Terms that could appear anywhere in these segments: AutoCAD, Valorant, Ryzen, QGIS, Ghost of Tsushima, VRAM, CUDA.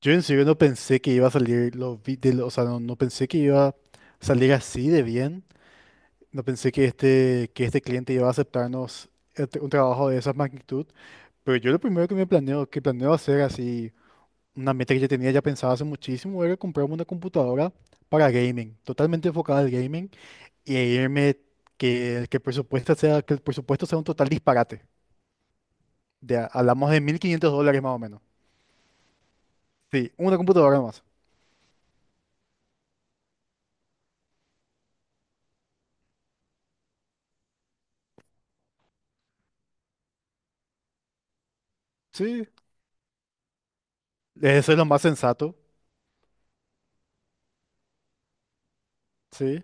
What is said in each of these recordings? Yo en serio no pensé que iba a salir los vi- de lo- o sea, no, no pensé que iba a salir así de bien. No pensé que este cliente iba a aceptarnos un trabajo de esa magnitud. Pero yo lo primero que planeo hacer así, una meta que yo tenía ya pensada hace muchísimo, era comprarme una computadora para gaming, totalmente enfocada al gaming, y irme que el presupuesto sea un total disparate. Hablamos de $1.500 más o menos. Sí, una computadora más. Sí, eso es lo más sensato. Sí.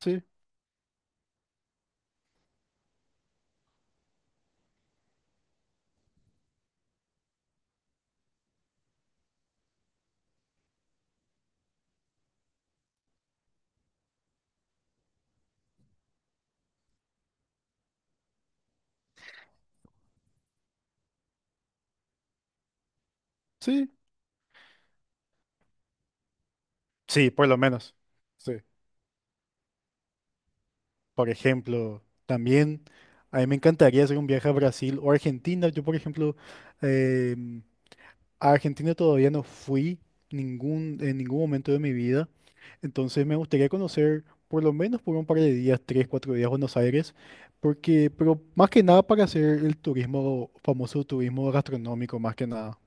Sí, sí, sí, por lo menos. Sí. Por ejemplo, también a mí me encantaría hacer un viaje a Brasil o Argentina. Yo, por ejemplo, em, a Argentina todavía no fui en ningún momento de mi vida. Entonces me gustaría conocer por lo menos por un par de días, tres, cuatro días Buenos Aires, pero más que nada para hacer el turismo, famoso turismo gastronómico, más que nada.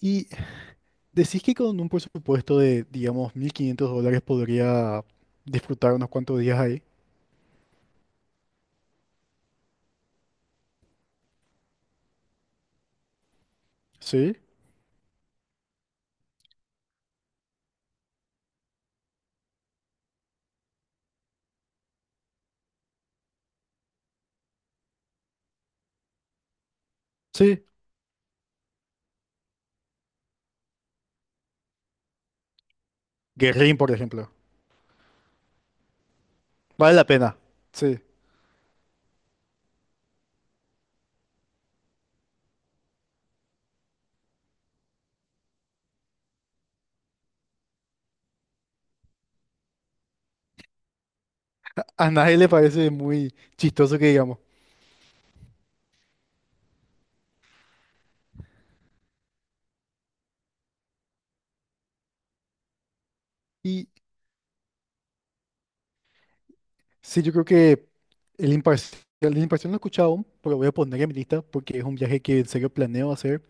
Y decís que con un presupuesto de, digamos, $1.500 podría disfrutar unos cuantos días ahí. Sí, sí. Guerrín, por ejemplo. Vale la pena. Sí. A nadie le parece muy chistoso que digamos. Y sí, yo creo que el imparcial no he escuchado aún, pero voy a poner en mi lista porque es un viaje que en serio planeo hacer.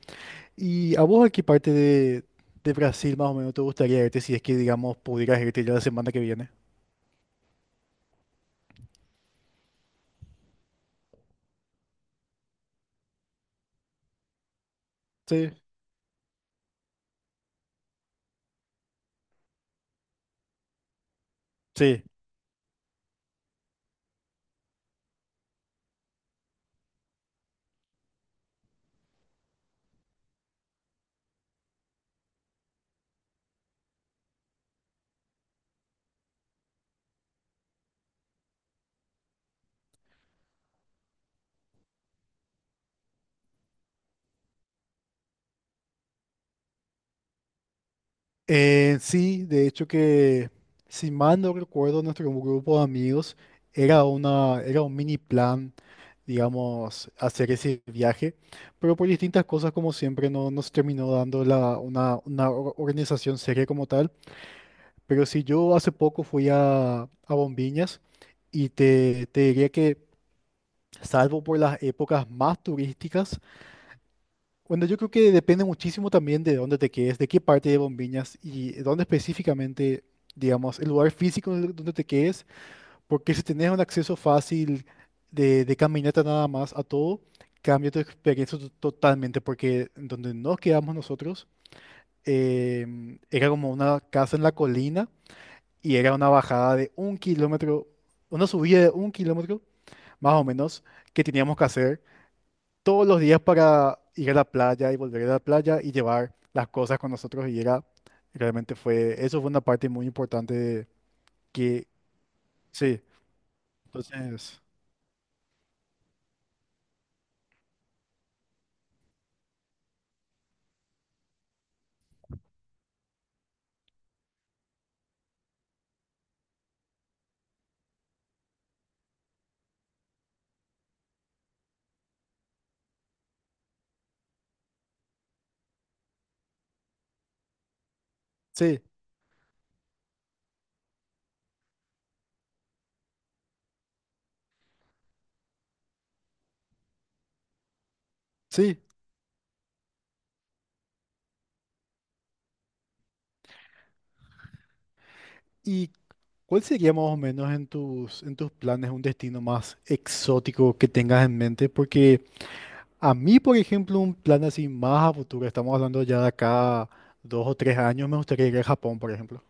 ¿Y a vos a qué parte de Brasil más o menos te gustaría irte si es que, digamos, pudieras irte ya la semana que viene? Sí. Sí. Sí, de hecho que, si mal no recuerdo, nuestro grupo de amigos era un mini plan, digamos, hacer ese viaje, pero por distintas cosas, como siempre, no nos terminó dando una organización seria como tal. Pero si yo hace poco fui a Bombiñas y te diría que, salvo por las épocas más turísticas. Bueno, yo creo que depende muchísimo también de dónde te quedes, de qué parte de Bombiñas y dónde específicamente, digamos, el lugar físico donde te quedes, porque si tenés un acceso fácil de caminata nada más a todo, cambia tu experiencia totalmente, porque en donde nos quedamos nosotros, era como una casa en la colina y era una bajada de 1 kilómetro, una subida de 1 kilómetro más o menos que teníamos que hacer todos los días para ir a la playa y volver a la playa y llevar las cosas con nosotros y era, realmente fue, eso fue una parte muy importante de que, sí, entonces, sí, sí. ¿Y cuál sería más o menos en tus planes un destino más exótico que tengas en mente? Porque a mí, por ejemplo, un plan así más a futuro, estamos hablando ya de acá 2 o 3 años, me gustaría ir a Japón, por ejemplo.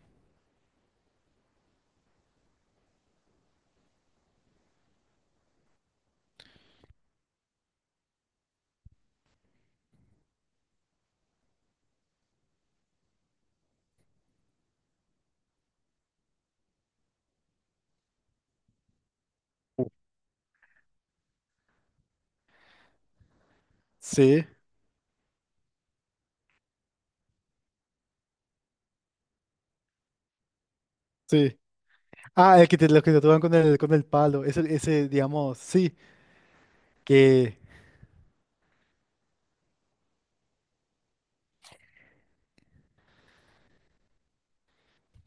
Uh. Sí, sí. Ah, los que te tocan con el palo. Ese, digamos, sí, que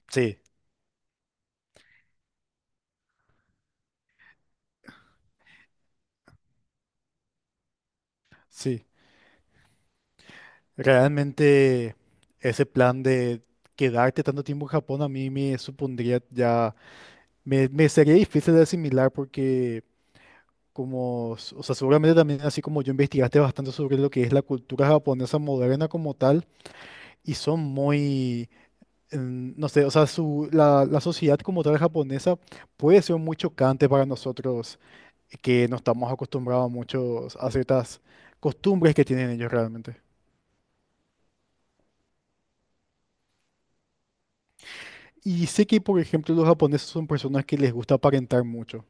sí, sí. Realmente ese plan de quedarte tanto tiempo en Japón a mí me supondría ya, me sería difícil de asimilar porque o sea, seguramente también así como yo investigaste bastante sobre lo que es la cultura japonesa moderna como tal y son muy no sé, o sea, la sociedad como tal japonesa puede ser muy chocante para nosotros que no estamos acostumbrados muchos a ciertas costumbres que tienen ellos realmente. Y sé que, por ejemplo, los japoneses son personas que les gusta aparentar mucho,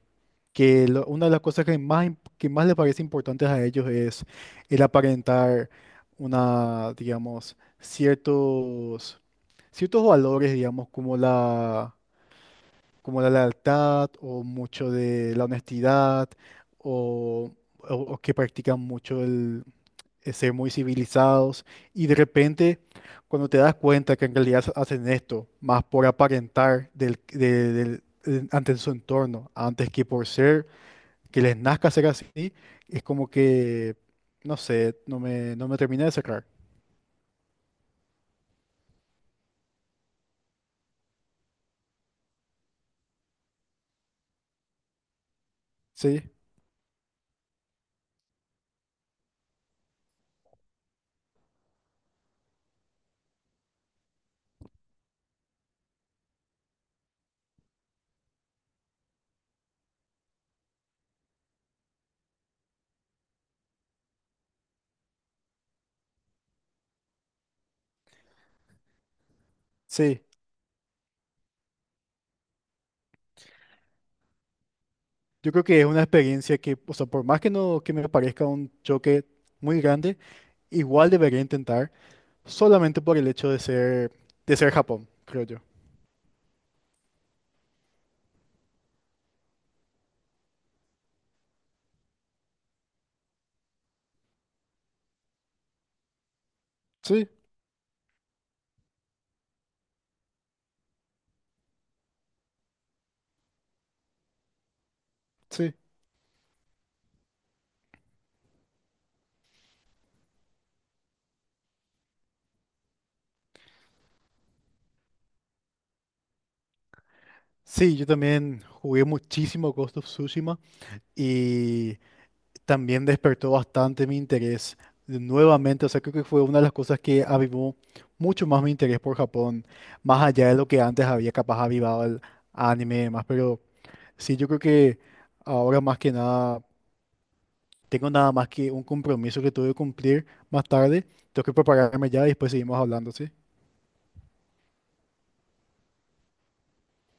una de las cosas que más les parece importantes a ellos es el aparentar una, digamos, ciertos valores, digamos, como la lealtad o mucho de la honestidad o, o que practican mucho el ser muy civilizados. Y de repente cuando te das cuenta que en realidad hacen esto más por aparentar del, de- del- en- ante su entorno antes que por ser que les nazca ser así, es como que no sé, no me terminé de cerrar. Sí, sí, yo creo que es una experiencia que, o sea, por más que no que me parezca un choque muy grande, igual debería intentar, solamente por el hecho de ser Japón, creo yo. Sí, sí. Sí, yo también jugué muchísimo Ghost of Tsushima y también despertó bastante mi interés nuevamente. O sea, creo que fue una de las cosas que avivó mucho más mi interés por Japón, más allá de lo que antes había capaz avivado el anime y demás. Pero sí, yo creo que ahora más que nada. Tengo nada más que un compromiso que tuve que cumplir más tarde. Tengo que prepararme ya y después seguimos hablando, ¿sí?